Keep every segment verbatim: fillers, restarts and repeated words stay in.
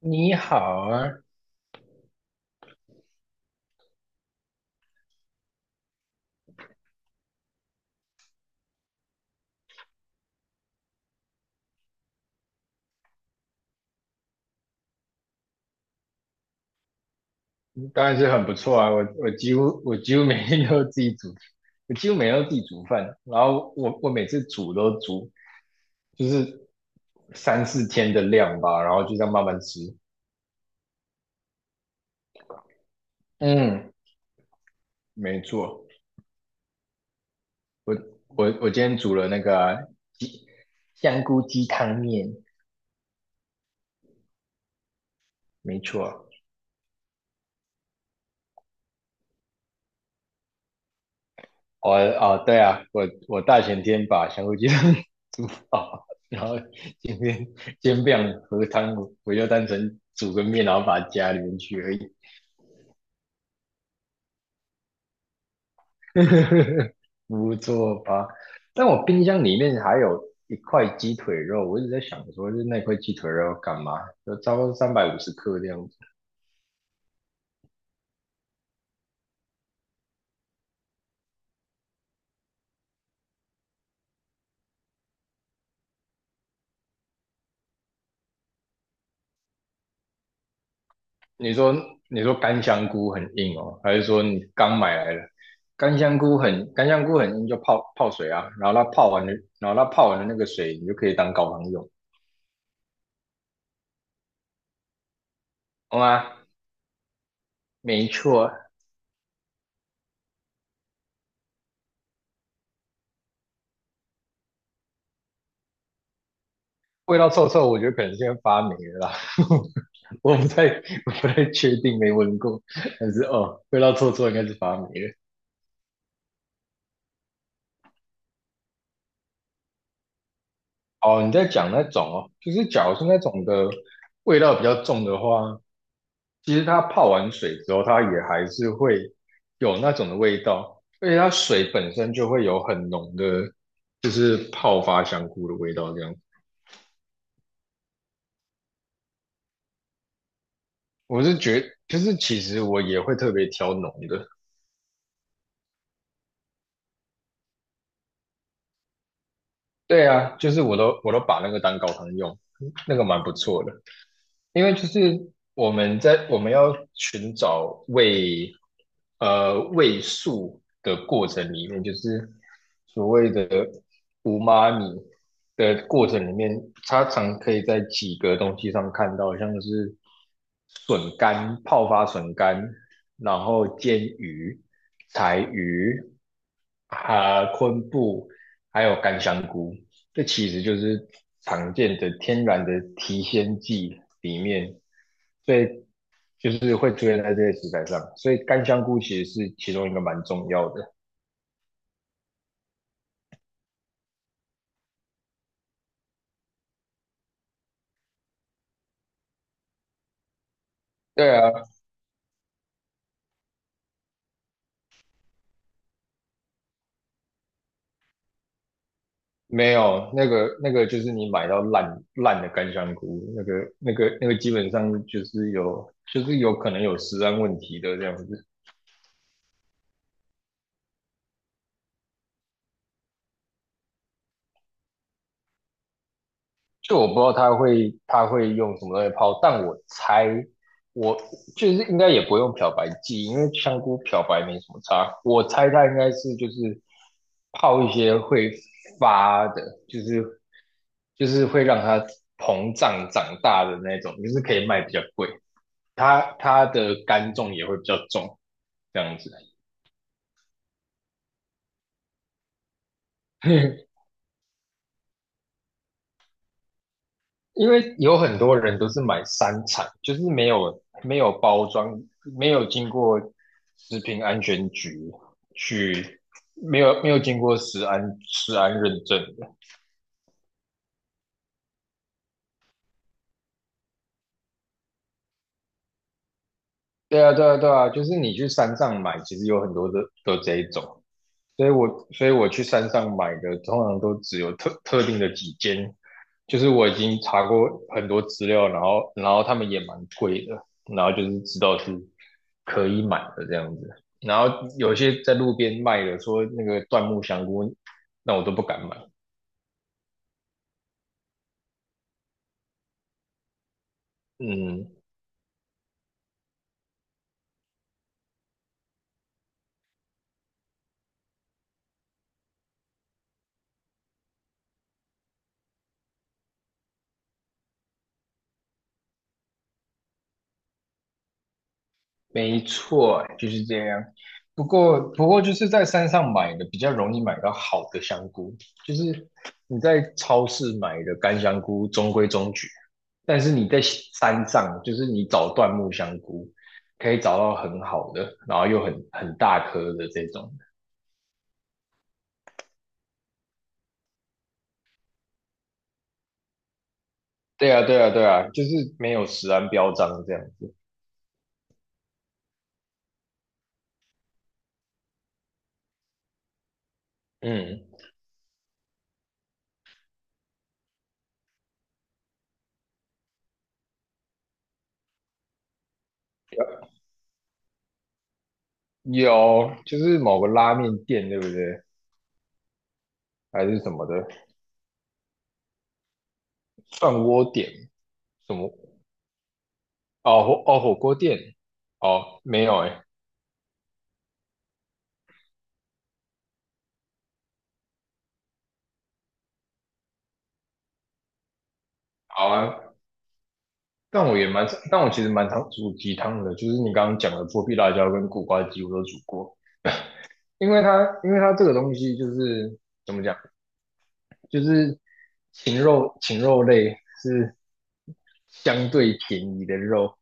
你好啊，当然是很不错啊。我我几乎我几乎每天都自己煮，我几乎每天都自己煮饭。然后我我每次煮都煮就是三四天的量吧，然后就这样慢慢吃。嗯，没错。我我我今天煮了那个啊鸡香菇鸡汤面，没错。我哦，对啊，我我大前天把香菇鸡汤 煮好，然后今天煎饼和汤，我就单纯煮个面，然后把它加里面去而已。不错吧？但我冰箱里面还有一块鸡腿肉，我一直在想说，就是那块鸡腿肉要干嘛？就差不多三百五十克这样子。你说你说干香菇很硬哦，还是说你刚买来的干香菇很干香菇很硬就泡泡水啊，然后它泡完的，然后它泡完的那个水你就可以当高汤用，好吗？没错，味道臭臭，我觉得可能是因为发霉了啦。我不太我不太确定，没闻过，但是哦，味道臭臭应该是发霉了。哦，你在讲那种哦，就是假如是那种的味道比较重的话，其实它泡完水之后，它也还是会有那种的味道，而且它水本身就会有很浓的，就是泡发香菇的味道。这样，我是觉就是其实我也会特别挑浓的。对啊，就是我都我都把那个当高汤用，那个蛮不错的。因为就是我们在我们要寻找味呃味素的过程里面，就是所谓的无妈咪的过程里面，它常可以在几个东西上看到，像是笋干、泡发笋干，然后煎鱼、柴鱼、啊、昆布，还有干香菇。这其实就是常见的天然的提鲜剂里面，所以就是会出现在这些食材上，所以干香菇其实是其中一个蛮重要的。对啊，没有那个那个就是你买到烂烂的干香菇，那个那个那个基本上就是有就是有可能有食安问题的这样子。就我不知道他会他会用什么东西泡，但我猜我就是应该也不用漂白剂，因为香菇漂白没什么差。我猜他应该是就是泡一些会发的，就是就是会让它膨胀长大的那种，就是可以卖比较贵。它它的干重也会比较重，这样子。因为有很多人都是买三产，就是没有没有包装，没有经过食品安全局去，没有没有经过食安食安认证的。对啊，对啊，对啊，就是你去山上买，其实有很多的都这一种。所以我所以我去山上买的，通常都只有特特定的几间，就是我已经查过很多资料，然后然后他们也蛮贵的，然后就是知道是可以买的这样子，然后有些在路边卖的，说那个椴木香菇，那我都不敢买。嗯，没错，就是这样。不过，不过就是在山上买的比较容易买到好的香菇，就是你在超市买的干香菇中规中矩，但是你在山上，就是你找椴木香菇，可以找到很好的，然后又很很大颗的这种。对啊，对啊，对啊，就是没有食安标章这样子。嗯，有，就是某个拉面店，对不对？还是什么的涮锅店，什么哦火哦火锅店。哦，没有哎。好啊，但我也蛮常，但我其实蛮常煮鸡汤的，就是你刚刚讲的剥皮辣椒跟苦瓜鸡我都煮过，因为它因为它这个东西就是怎么讲，就是禽肉禽肉类是相对便宜的肉，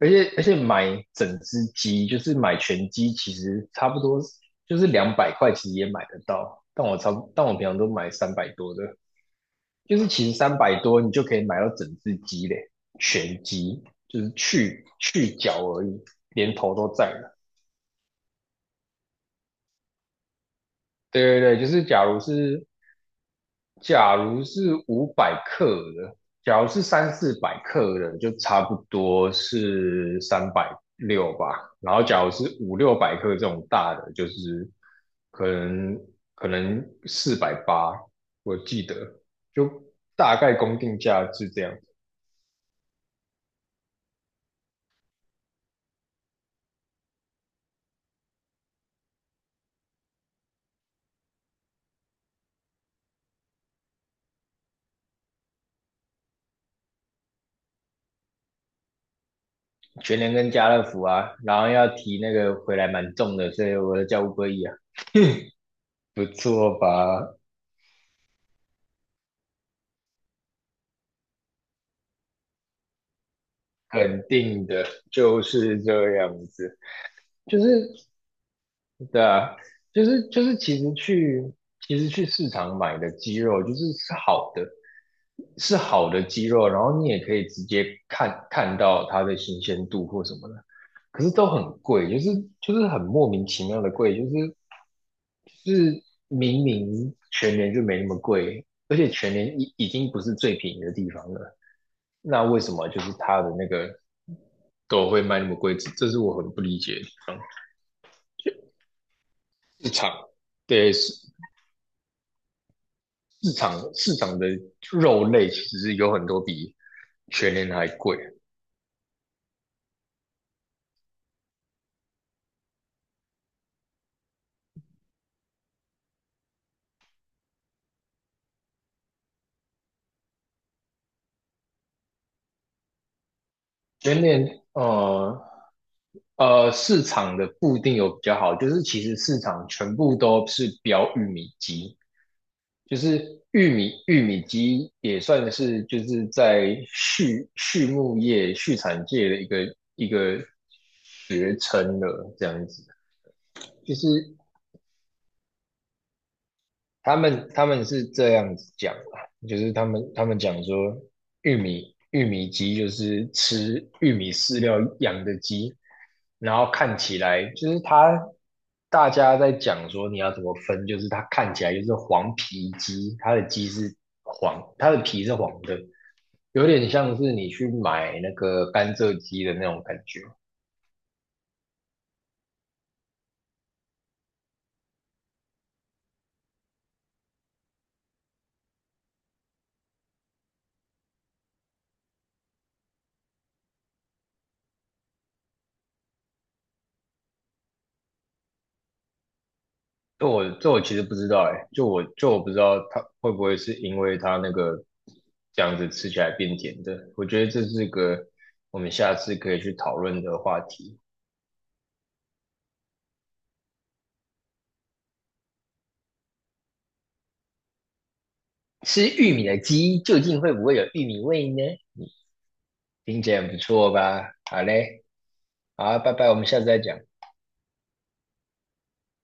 而且而且买整只鸡就是买全鸡，其实差不多就是两百块，其实也买得到，但我差不但我平常都买三百多的。就是其实三百多你就可以买到整只鸡嘞，全鸡，就是去去脚而已，连头都在了。对对对，就是假如是假如是五百克的，假如是三四百克的，就差不多是三百六吧。然后假如是五六百克这种大的，就是可能可能四百八，我记得就大概公定价是这样。全联跟家乐福啊，然后要提那个回来蛮重的，所以我就叫 u b e 啊。不错吧？肯定的，就是这样子。就是对啊，就是就是，其实去其实去市场买的鸡肉就是是好的，是好的鸡肉，然后你也可以直接看看到它的新鲜度或什么的，可是都很贵，就是就是很莫名其妙的贵，就是就是明明全年就没那么贵，而且全年已已经不是最便宜的地方了，那为什么就是它的那个都会卖那么贵？这这是我很不理解的地方。市场对，市市场市场的肉类其实有很多比全年还贵。全年呃呃，市场的不一定有比较好，就是其实市场全部都是标玉米鸡，就是玉米玉米鸡也算是就是在畜畜牧业畜产界的一个一个学称了，这样子。就是他们他们是这样子讲的，就是他们他们讲说，玉米玉米鸡就是吃玉米饲料养的鸡，然后看起来就是它，大家在讲说你要怎么分，就是它看起来就是黄皮鸡，它的鸡是黄，它的皮是黄的，有点像是你去买那个甘蔗鸡的那种感觉。这我这我其实不知道哎，就我就我不知道它会不会是因为它那个这样子吃起来变甜的，我觉得这是个我们下次可以去讨论的话题。吃玉米的鸡究竟会不会有玉米味呢？听起来很不错吧？好嘞，好啊拜拜，我们下次再讲。